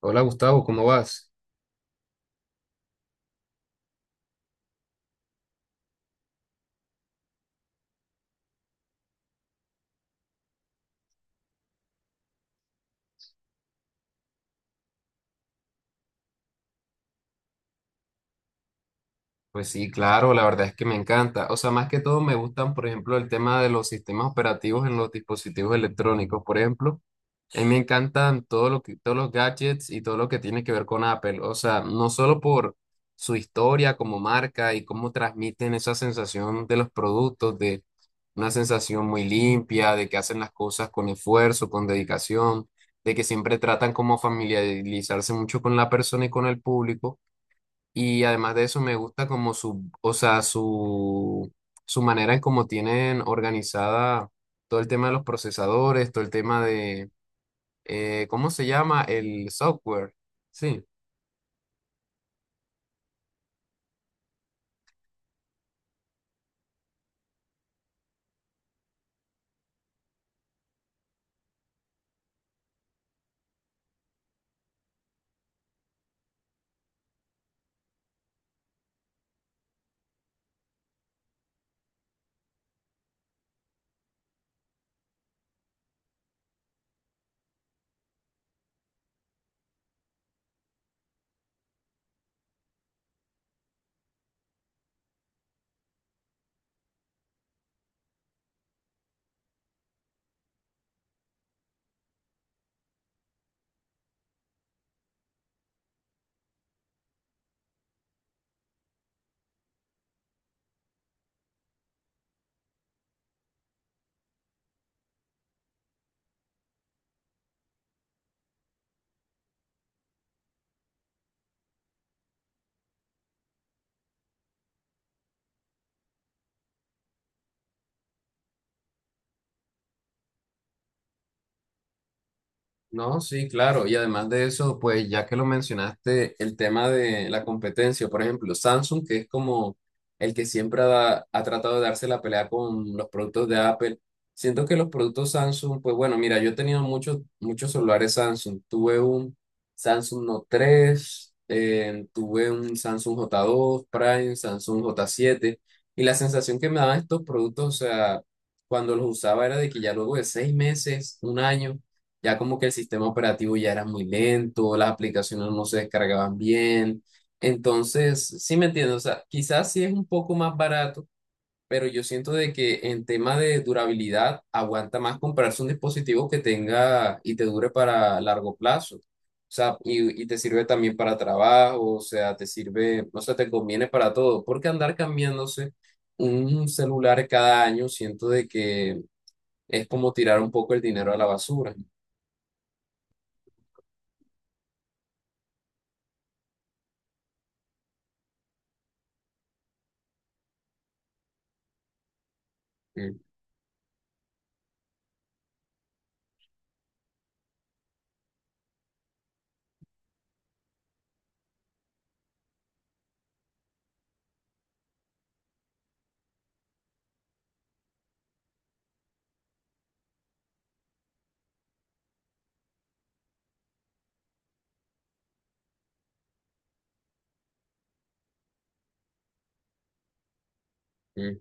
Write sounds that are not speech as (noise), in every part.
Hola Gustavo, ¿cómo vas? Pues sí, claro, la verdad es que me encanta. O sea, más que todo me gustan, por ejemplo, el tema de los sistemas operativos en los dispositivos electrónicos. Por ejemplo, a mí me encantan todo lo que, todos los gadgets y todo lo que tiene que ver con Apple. O sea, no solo por su historia como marca y cómo transmiten esa sensación de los productos, de una sensación muy limpia, de que hacen las cosas con esfuerzo, con dedicación, de que siempre tratan como familiarizarse mucho con la persona y con el público. Y además de eso me gusta como su, o sea, su manera en cómo tienen organizada todo el tema de los procesadores, todo el tema de, ¿cómo se llama? El software. Sí. No, sí, claro. Y además de eso, pues ya que lo mencionaste, el tema de la competencia, por ejemplo, Samsung, que es como el que siempre ha tratado de darse la pelea con los productos de Apple. Siento que los productos Samsung, pues bueno, mira, yo he tenido muchos, muchos celulares Samsung. Tuve un Samsung Note 3, tuve un Samsung J2 Prime, Samsung J7. Y la sensación que me daban estos productos, o sea, cuando los usaba era de que ya luego de 6 meses, un año ya como que el sistema operativo ya era muy lento, las aplicaciones no se descargaban bien. Entonces, sí me entiendo, o sea, quizás sí es un poco más barato, pero yo siento de que en tema de durabilidad aguanta más comprarse un dispositivo que tenga y te dure para largo plazo. O sea, y te sirve también para trabajo, o sea, te sirve, o sea, te conviene para todo, porque andar cambiándose un celular cada año, siento de que es como tirar un poco el dinero a la basura. Mm. Mm.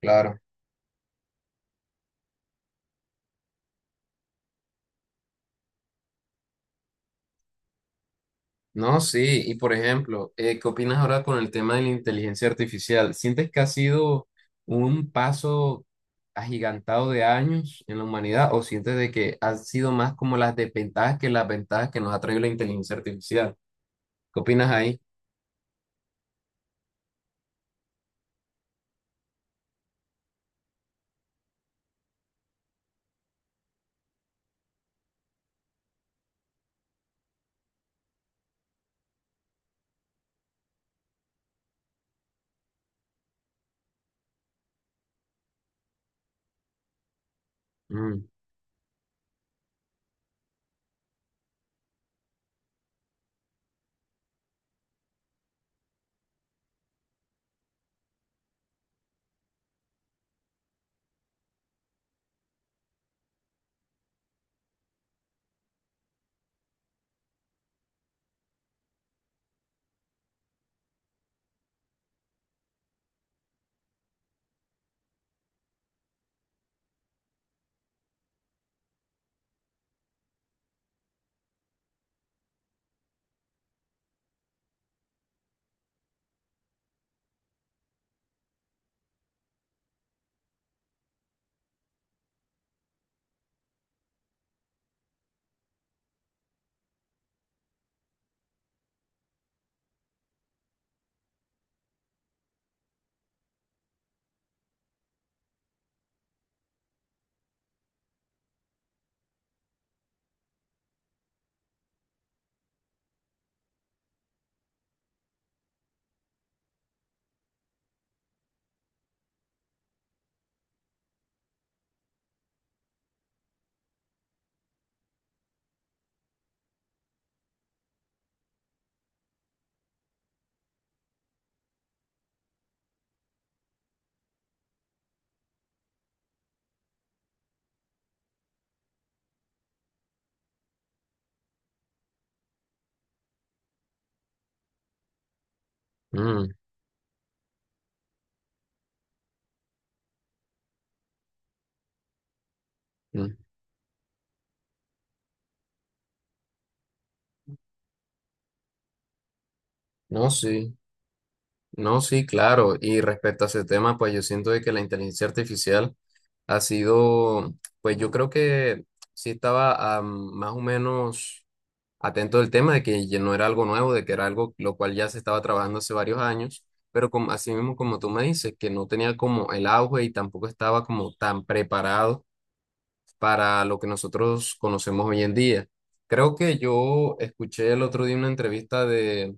Claro. No, sí. Y por ejemplo, ¿qué opinas ahora con el tema de la inteligencia artificial? ¿Sientes que ha sido un paso agigantado de años en la humanidad o sientes de que han sido más como las desventajas que las ventajas que nos ha traído la inteligencia artificial? ¿Qué opinas ahí? Mm, mm, mm. No, sí. No, sí, claro. Y respecto a ese tema, pues yo siento de que la inteligencia artificial ha sido, pues yo creo que sí estaba, más o menos atento del tema de que ya no era algo nuevo, de que era algo lo cual ya se estaba trabajando hace varios años, pero como, así mismo como tú me dices, que no tenía como el auge y tampoco estaba como tan preparado para lo que nosotros conocemos hoy en día. Creo que yo escuché el otro día una entrevista de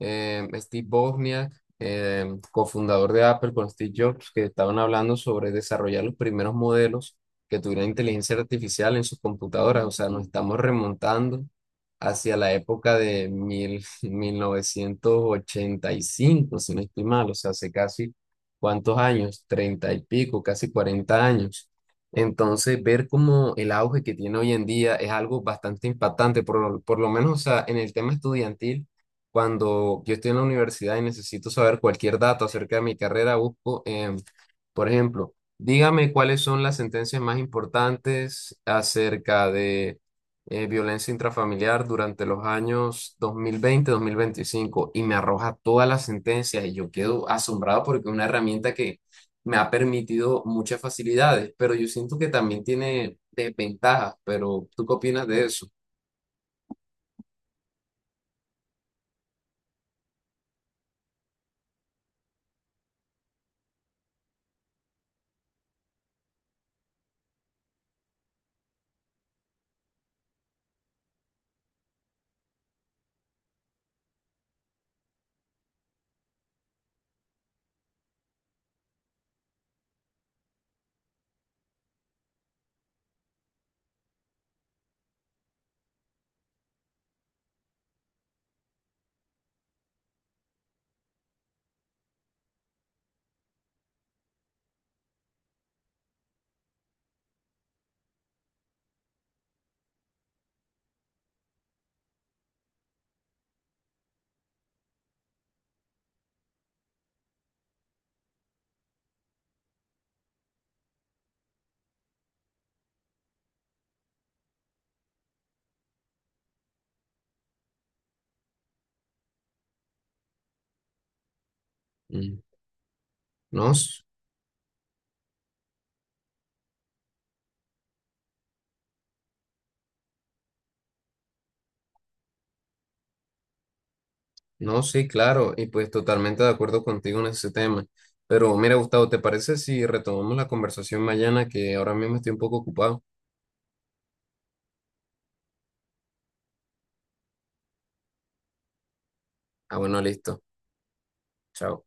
Steve Wozniak, eh, cofundador de Apple con Steve Jobs, que estaban hablando sobre desarrollar los primeros modelos que tuvieran inteligencia artificial en sus computadoras. O sea, nos estamos remontando hacia la época de (laughs) 1985, si no estoy mal. O sea, hace casi, ¿cuántos años? Treinta y pico, casi 40 años. Entonces, ver cómo el auge que tiene hoy en día es algo bastante impactante, por, por lo menos, o sea, en el tema estudiantil, cuando yo estoy en la universidad y necesito saber cualquier dato acerca de mi carrera, busco, por ejemplo, dígame cuáles son las sentencias más importantes acerca de, violencia intrafamiliar durante los años dos mil veinte mil veinticinco, y me arroja todas las sentencias y yo quedo asombrado porque es una herramienta que me ha permitido muchas facilidades, pero yo siento que también tiene desventajas, pero ¿tú qué opinas de eso? Mm. ¿No? Sí. No, sí, claro, y pues totalmente de acuerdo contigo en ese tema. Pero mira, Gustavo, ¿te parece si retomamos la conversación mañana que ahora mismo estoy un poco ocupado? Ah, bueno, listo. Chao.